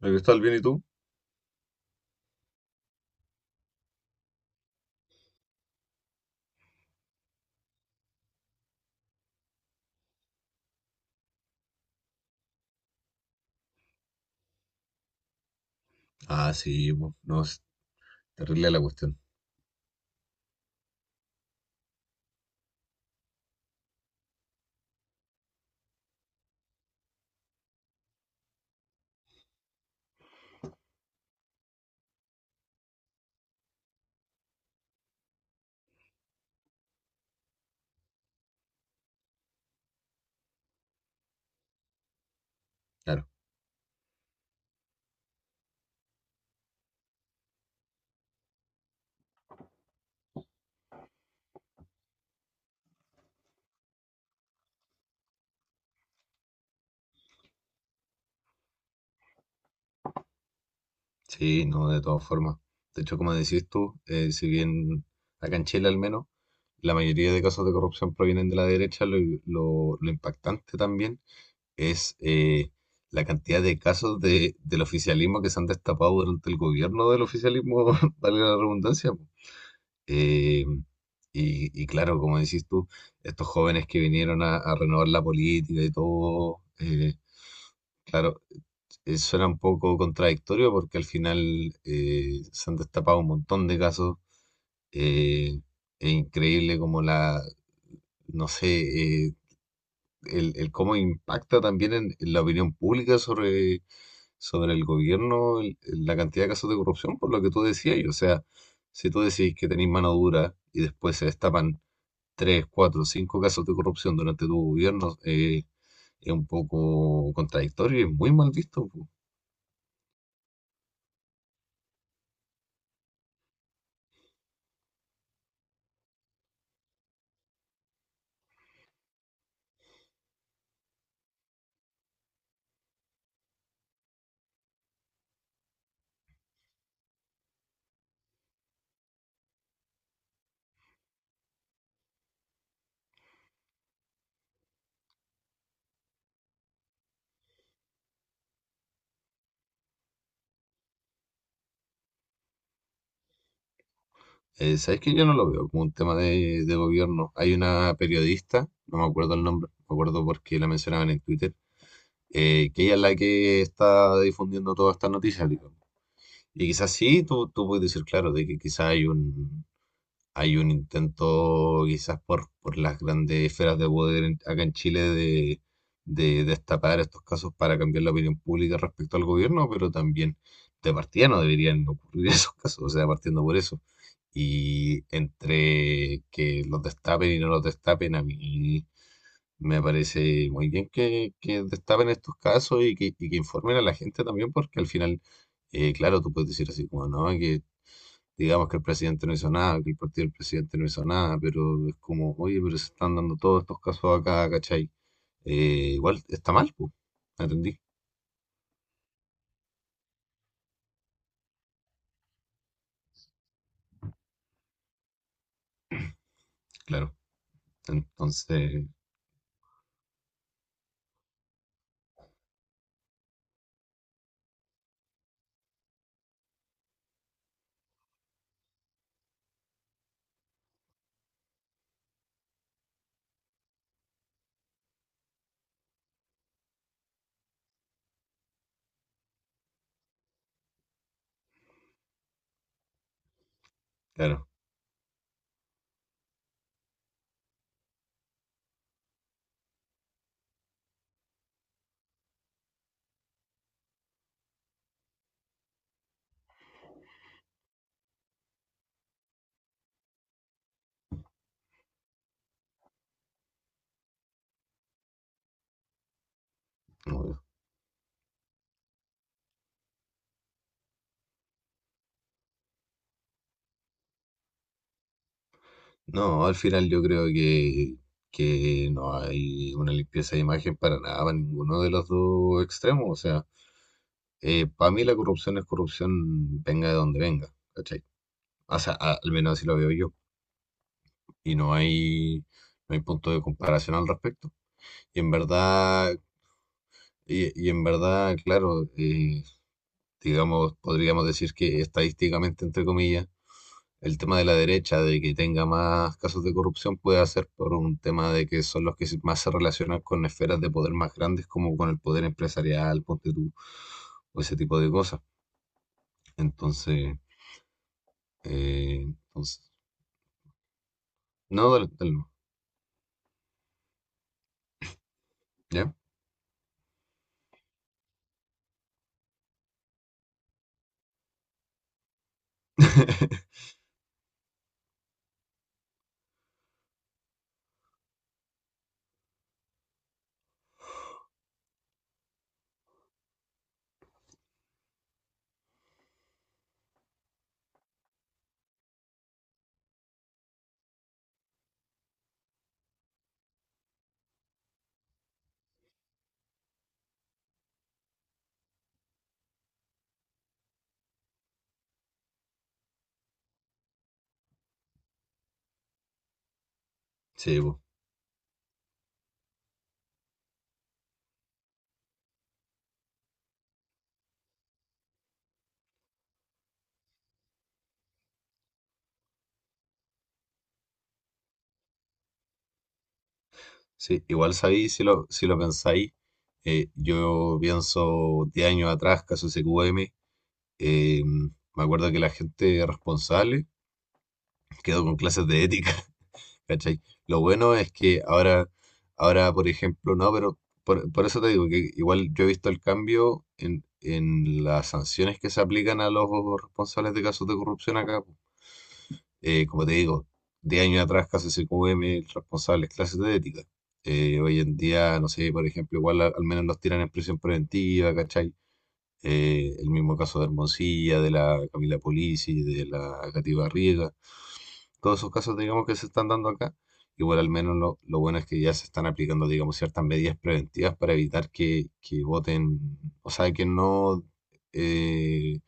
¿Me gustó el bien y tú? Ah, sí, po, no, es terrible la cuestión. Claro. Sí, no, de todas formas. De hecho, como decís tú, si bien acá en Chile al menos, la mayoría de casos de corrupción provienen de la derecha, lo impactante también es la cantidad de casos del oficialismo que se han destapado durante el gobierno del oficialismo, vale la redundancia. Po. Eh, y claro, como decís tú, estos jóvenes que vinieron a renovar la política y todo, claro, suena un poco contradictorio porque al final se han destapado un montón de casos. eh, es increíble como no sé, eh, el cómo impacta también en la opinión pública sobre el gobierno el- la cantidad de casos de corrupción, por lo que tú decías. O sea, si tú decís que tenéis mano dura y después se destapan tres, cuatro, cinco casos de corrupción durante tu gobierno, es un poco contradictorio y es muy mal visto. ¿Sabes? Que yo no lo veo como un tema de gobierno. Hay una periodista, no me acuerdo el nombre, me acuerdo porque la mencionaban en Twitter, que ella es la que está difundiendo todas estas noticias, digamos. Y quizás sí, tú puedes decir, claro, de que quizás hay hay un intento quizás por las grandes esferas de poder en- acá en Chile de destapar estos casos para cambiar la opinión pública respecto al gobierno, pero también de partida no deberían ocurrir esos casos, o sea, partiendo por eso. Y entre que los destapen y no los destapen, a mí me parece muy bien que destapen estos casos y que informen a la gente también, porque al final, claro, tú puedes decir así como, no, que digamos que el presidente no hizo nada, que el partido del presidente no hizo nada, pero es como, oye, pero se están dando todos estos casos acá, ¿cachai? Igual está mal, pues, ¿entendí? Claro. Entonces, claro, obvio. No, al final yo creo que no hay una limpieza de imagen para nada, para ninguno de los dos extremos. O sea, para mí la corrupción es corrupción, venga de donde venga, ¿cachai? O sea, a- al menos así lo veo yo. Y no hay, no hay punto de comparación al respecto. Y en verdad, y en verdad, claro, digamos, podríamos decir que estadísticamente, entre comillas, el tema de la derecha, de que tenga más casos de corrupción, puede ser por un tema de que son los que se- más se relacionan con esferas de poder más grandes, como con el poder empresarial, ponte tú, o ese tipo de cosas. Entonces, entonces, no, dale, dale, no, ¿ya? Sí, po. Sí, igual sabéis, si lo, si lo pensáis, yo pienso 10 años atrás, caso SQM. Eh, me acuerdo que la gente responsable quedó con clases de ética, ¿cachai? Lo bueno es que ahora, ahora por ejemplo, no, pero por eso te digo que igual yo he visto el cambio en las sanciones que se aplican a los responsables de casos de corrupción acá. Como te digo, 10 años atrás casi se cubre responsables clases de ética. Hoy en día, no sé, por ejemplo, igual a- al menos los tiran en prisión preventiva, ¿cachai? El mismo caso de Hermosilla, de la Camila Polisi, de la Cati Barriga, todos esos casos, digamos, que se están dando acá. Igual al menos lo bueno es que ya se están aplicando, digamos, ciertas medidas preventivas para evitar que voten, o sea, que no eh,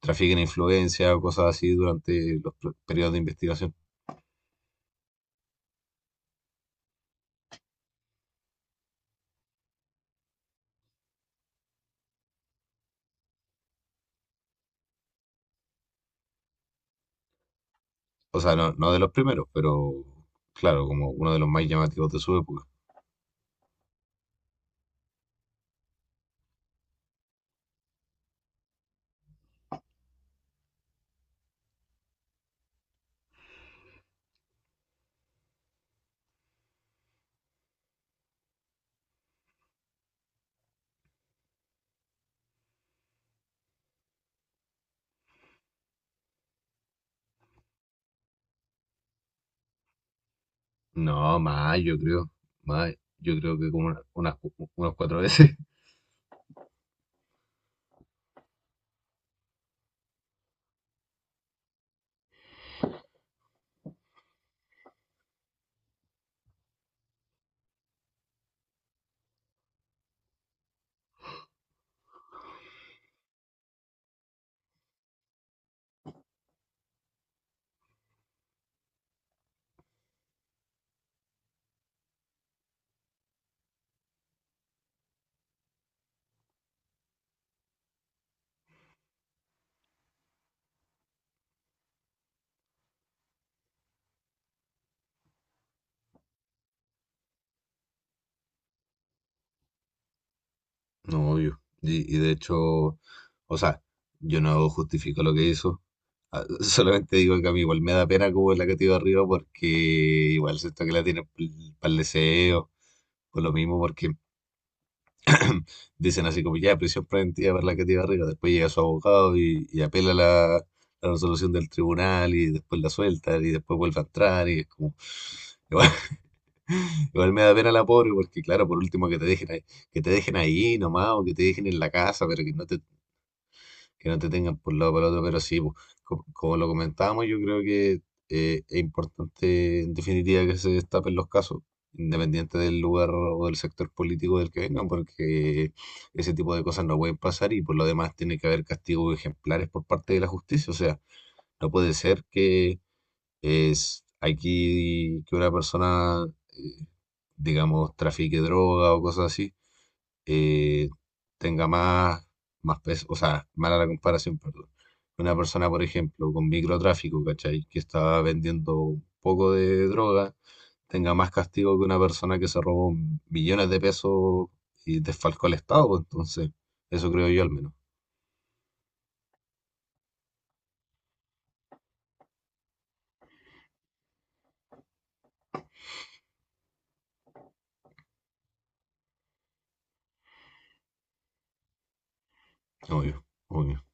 trafiquen influencia o cosas así durante los pr- periodos de investigación. O sea, no, no de los primeros, pero claro, como uno de los más llamativos de su época. No, más, yo creo que como una- unas, cu- unas cuatro veces. No, obvio. Y de hecho, o sea, yo no justifico lo que hizo. Ah, solamente digo que a mí igual me da pena como la que tiró arriba porque igual siento que la tiene para el deseo. Por lo mismo, porque dicen así como ya, prisión preventiva para la que tiró arriba. Después llega su abogado y apela la resolución del tribunal y después la suelta y después vuelve a entrar. Y es como, igual, igual me da pena la pobre porque, claro, por último que te dejen ahí, que te dejen ahí nomás o que te dejen en la casa, pero que no te tengan por un lado o para el otro, pero sí, pues, co- como lo comentábamos, yo creo que es importante en definitiva que se destapen los casos, independiente del lugar o del sector político del que vengan, porque ese tipo de cosas no pueden pasar y por lo demás tiene que haber castigos ejemplares por parte de la justicia, o sea, no puede ser que es aquí que una persona, digamos, trafique droga o cosas así eh, tenga más peso, o sea, mala la comparación, perdón. Una persona, por ejemplo, con microtráfico, ¿cachai? Que estaba vendiendo un poco de droga, tenga más castigo que una persona que se robó millones de pesos y desfalcó al Estado, pues, entonces, eso creo yo al menos. Obvio, obvio,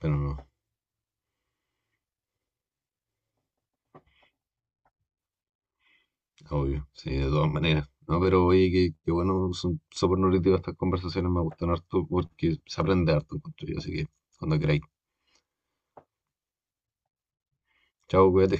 pero no, obvio, sí, de todas maneras. No, pero oye, que bueno, son súper nutritivas estas conversaciones, me gustan harto porque se aprende harto, encuentro yo, así que cuando queráis. Chao, cuídate.